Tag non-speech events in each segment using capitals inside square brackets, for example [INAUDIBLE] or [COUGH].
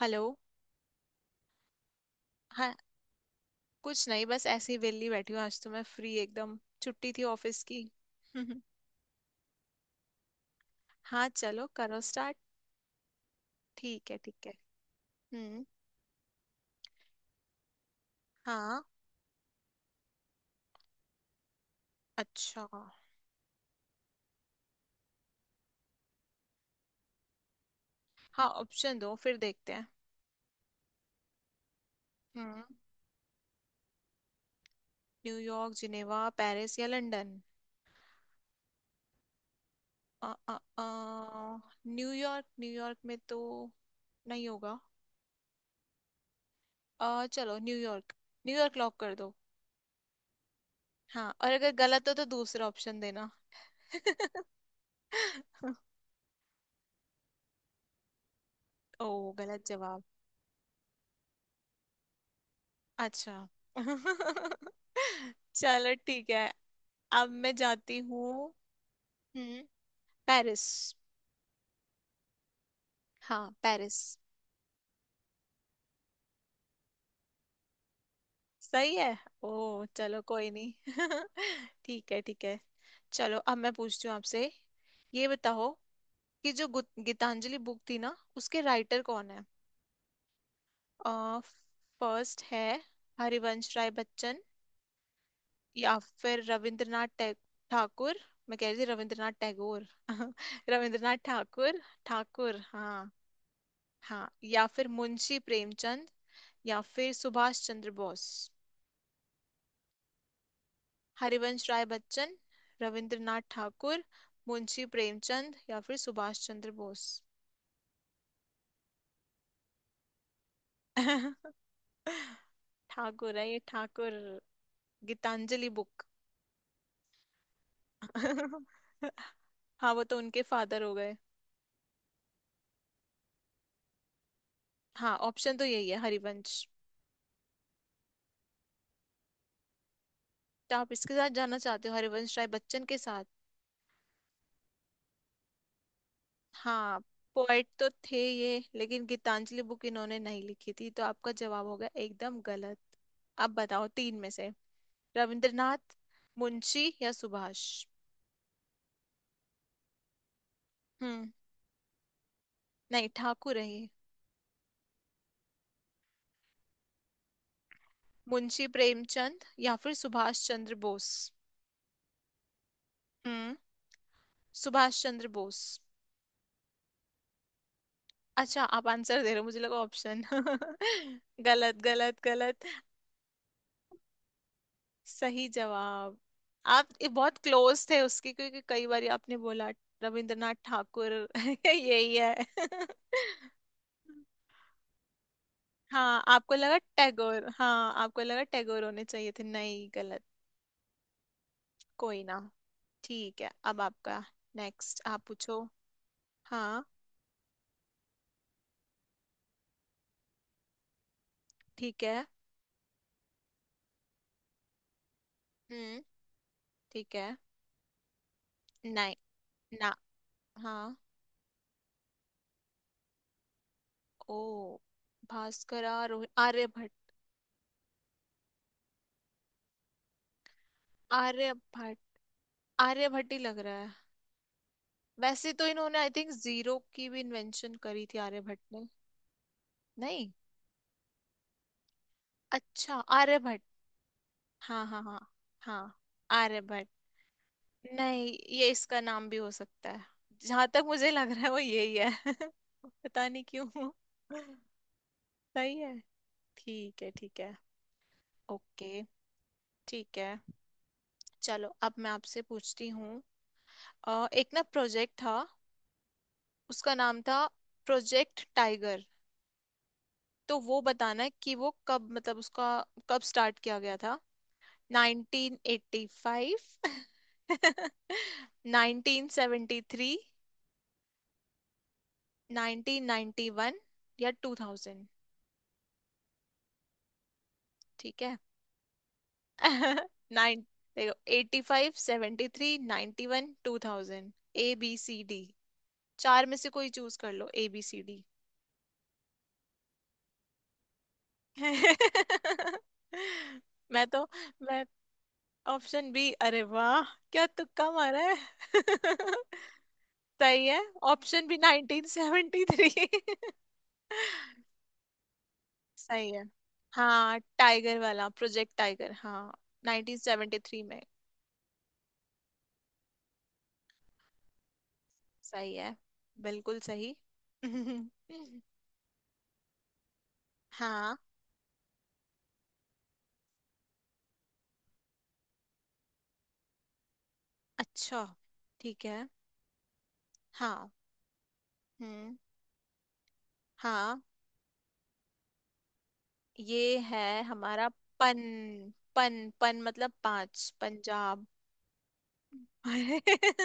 Hello. हाँ। कुछ नहीं, बस ऐसे ही वेली बैठी हूँ। आज तो मैं फ्री एकदम, छुट्टी थी ऑफिस की। [LAUGHS] हाँ चलो करो स्टार्ट। ठीक है ठीक है। हम्म। हाँ। अच्छा। हाँ ऑप्शन दो फिर देखते हैं। हम्म, न्यूयॉर्क जिनेवा पेरिस या लंदन। अ अ अ न्यूयॉर्क, न्यूयॉर्क में तो नहीं होगा। अ चलो न्यूयॉर्क। न्यूयॉर्क लॉक कर दो। हाँ, और अगर गलत हो तो दूसरा ऑप्शन देना। [LAUGHS] ओ, गलत जवाब। अच्छा। [LAUGHS] चलो ठीक है। अब मैं जाती हूँ। हम्म, पेरिस। हाँ पेरिस। सही है। ओ, चलो कोई नहीं। [LAUGHS] ठीक है ठीक है। चलो अब मैं पूछती हूँ आपसे। ये बताओ कि जो गीतांजलि बुक थी ना, उसके राइटर कौन है? आ, फर्स्ट है हरिवंश राय बच्चन, या फिर रविंद्रनाथ टैग, ठाकुर। मैं कह रही थी रविंद्रनाथ टैगोर। [LAUGHS] रविंद्रनाथ ठाकुर, ठाकुर हाँ। हाँ, या फिर मुंशी प्रेमचंद, या फिर सुभाष चंद्र बोस। हरिवंश राय बच्चन, रविंद्रनाथ ठाकुर, मुंशी प्रेमचंद या फिर सुभाष चंद्र बोस। [LAUGHS] ठाकुर है, ये ठाकुर। गीतांजलि बुक। [LAUGHS] हाँ, वो तो उनके फादर हो गए। हाँ ऑप्शन तो यही है, हरिवंश। तो आप इसके साथ जाना चाहते हो, हरिवंश राय बच्चन के साथ? हाँ, पोएट तो थे ये, लेकिन गीतांजलि बुक इन्होंने नहीं लिखी थी, तो आपका जवाब हो गया एकदम गलत। अब बताओ तीन में से, रविंद्रनाथ, मुंशी या सुभाष। हम्म। नहीं ठाकुर है ये। मुंशी प्रेमचंद या फिर सुभाष चंद्र बोस। हम्म, सुभाष चंद्र बोस। अच्छा, आप आंसर दे रहे हो? मुझे लगा ऑप्शन। [LAUGHS] गलत गलत गलत। सही जवाब। आप ये बहुत क्लोज थे उसके, क्योंकि कई बार आपने बोला रविंद्रनाथ ठाकुर। [LAUGHS] यही है। [LAUGHS] हाँ आपको लगा टैगोर, हाँ आपको लगा टैगोर होने चाहिए थे, नहीं गलत। कोई ना। ठीक है अब आपका नेक्स्ट आप पूछो। हाँ। ठीक है। हम्म। ठीक है। नहीं। ना। हाँ। ओ। भास्कर, आर्य भट्ट। आर्य भट्ट। आर्य भट्ट ही लग रहा। वैसे तो इन्होंने आई थिंक जीरो की भी इन्वेंशन करी थी आर्यभट्ट ने। नहीं। अच्छा आर्यभट्ट। हाँ हाँ हाँ। हाँ। आर्यभट्ट। नहीं ये इसका नाम भी हो सकता है। जहां तक मुझे लग रहा है वो यही है। [LAUGHS] पता नहीं क्यों। सही है। ठीक है ठीक है। ओके ठीक है। चलो अब मैं आपसे पूछती हूँ। एक ना प्रोजेक्ट था, उसका नाम था प्रोजेक्ट टाइगर। तो वो बताना है कि वो कब मतलब उसका कब स्टार्ट किया गया था। 1985, [LAUGHS] 1973, 1991, या 2000। ठीक है। [LAUGHS] नाइन। देखो eighty five, seventy three, ninety one, two thousand. A B C D, चार में से कोई चूज कर लो, ए बी सी डी। [LAUGHS] मैं तो मैं ऑप्शन बी अरे वाह, क्या तुक्का मारा है। [LAUGHS] सही है। Option B 1973। [LAUGHS] सही है। हाँ टाइगर वाला प्रोजेक्ट टाइगर हाँ 1973 में। सही है, बिल्कुल सही। [LAUGHS] हाँ। अच्छा। ठीक है। हाँ। हम्म। हाँ ये है हमारा पन, पन पन मतलब पांच, पंजाब। [LAUGHS]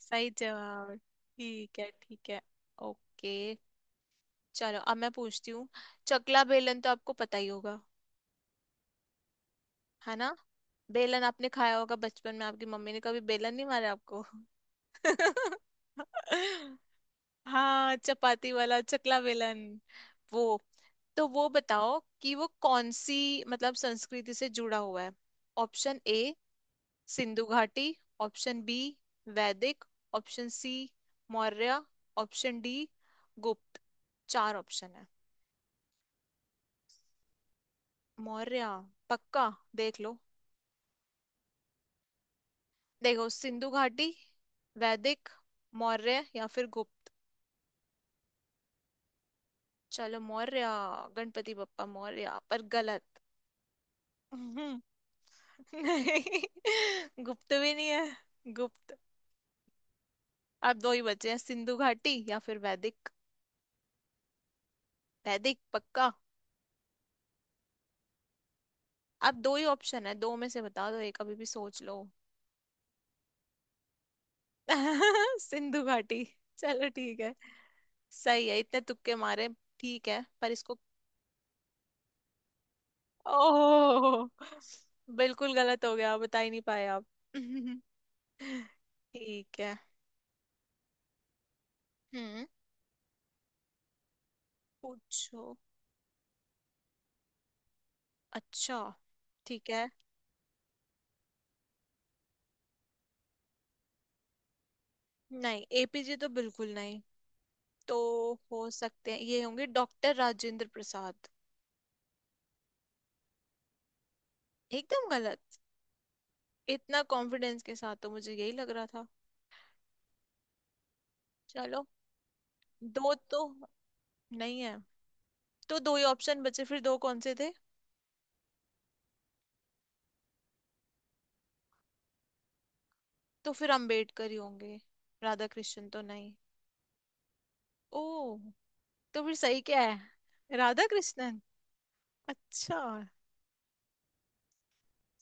सही जवाब। ठीक है ओके। चलो अब मैं पूछती हूँ। चकला बेलन तो आपको पता ही होगा, है ना? बेलन आपने खाया होगा बचपन में, आपकी मम्मी ने कभी बेलन नहीं मारा आपको? [LAUGHS] हाँ चपाती वाला चकला बेलन, वो। तो वो बताओ कि वो कौन सी मतलब संस्कृति से जुड़ा हुआ है। ऑप्शन ए सिंधु घाटी, ऑप्शन बी वैदिक, option C Maurya, option D Gupta. चार ऑप्शन है। मौर्य? पक्का? देख लो। देखो सिंधु घाटी, वैदिक, मौर्य या फिर गुप्त। चलो मौर्य। गणपति बप्पा मौर्य पर गलत। हम्म। नहीं गुप्त भी नहीं है गुप्त। अब दो ही बचे हैं, सिंधु घाटी या फिर वैदिक। वैदिक पक्का? अब दो ही ऑप्शन है, दो में से बता दो एक, अभी भी सोच लो। [LAUGHS] सिंधु घाटी, चलो ठीक है। सही है, इतने तुक्के मारे। ठीक है पर इसको, ओह, बिल्कुल गलत हो गया बता ही नहीं पाए आप। [LAUGHS] ठीक है। हम्म। पूछो। अच्छा। ठीक है। नहीं एपीजे तो बिल्कुल नहीं। तो हो सकते हैं, ये होंगे डॉक्टर राजेंद्र प्रसाद। एकदम गलत। इतना कॉन्फिडेंस के साथ तो मुझे यही लग रहा था। चलो दो तो नहीं है, तो दो ही ऑप्शन बचे। फिर दो कौन से थे? तो फिर अंबेडकर ही होंगे, राधा कृष्ण तो नहीं। ओ, तो फिर सही क्या है? राधा कृष्णन? अच्छा।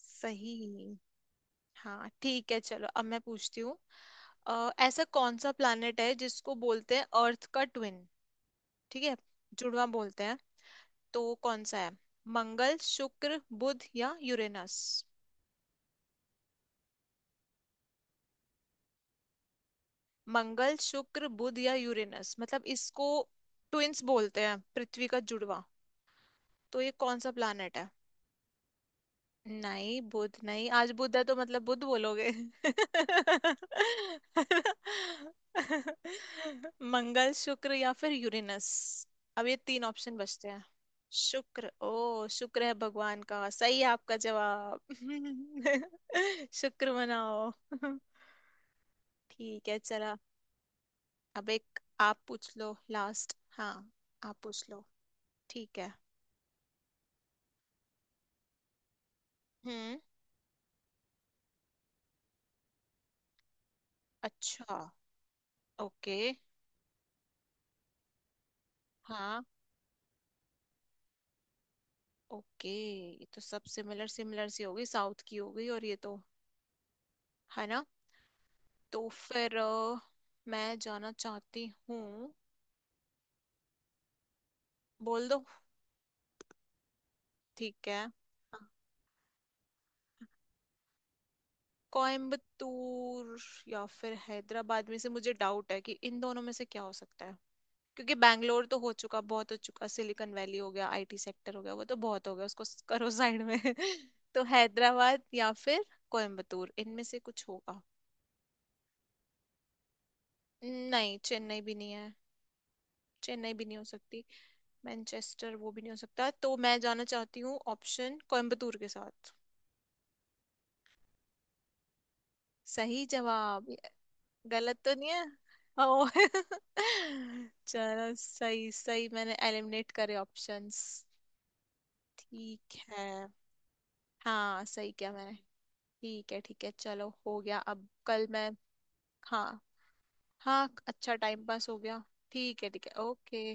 सही। हाँ ठीक है चलो अब मैं पूछती हूँ। ऐसा कौन सा प्लैनेट है जिसको बोलते हैं अर्थ का ट्विन? ठीक है, जुड़वा बोलते हैं। तो वो कौन सा है? मंगल, शुक्र, बुध या यूरेनस? मंगल शुक्र बुध या यूरेनस, मतलब इसको ट्विन्स बोलते हैं पृथ्वी का जुड़वा। तो ये कौन सा प्लैनेट है? नहीं बुध नहीं, आज बुध है तो मतलब बुध बोलोगे। [LAUGHS] मंगल, शुक्र या फिर यूरेनस। अब ये तीन ऑप्शन बचते हैं। शुक्र? ओ शुक्र है भगवान का, सही है आपका जवाब। [LAUGHS] शुक्र मनाओ। [LAUGHS] ठीक है चला। अब एक आप पूछ लो लास्ट, हाँ आप पूछ लो। ठीक है। हम्म। अच्छा। ओके। हाँ। ओके। ये तो सब सिमिलर सिमिलर सी हो गई, साउथ की हो गई, और ये तो। है ना। तो फिर मैं जाना चाहती हूँ। बोल दो। ठीक है। कोयम्बतूर या फिर हैदराबाद में से, मुझे डाउट है कि इन दोनों में से क्या हो सकता है। क्योंकि बैंगलोर तो हो चुका, बहुत हो चुका, सिलिकॉन वैली हो गया, आईटी सेक्टर हो गया, वो तो बहुत हो गया, उसको करो साइड में। [LAUGHS] तो हैदराबाद या फिर कोयम्बतूर, इनमें से कुछ होगा। नहीं, चेन्नई भी नहीं है। चेन्नई भी नहीं हो सकती। मैनचेस्टर वो भी नहीं हो सकता, तो मैं जाना चाहती हूँ ऑप्शन कोयम्बतूर के साथ। सही जवाब? गलत तो नहीं है? ओ। [LAUGHS] चलो सही, सही। मैंने एलिमिनेट करे ऑप्शंस। ठीक है। हाँ सही किया मैंने। ठीक है चलो हो गया अब कल मैं। हाँ। हाँ, अच्छा टाइम पास हो गया। ठीक है ओके।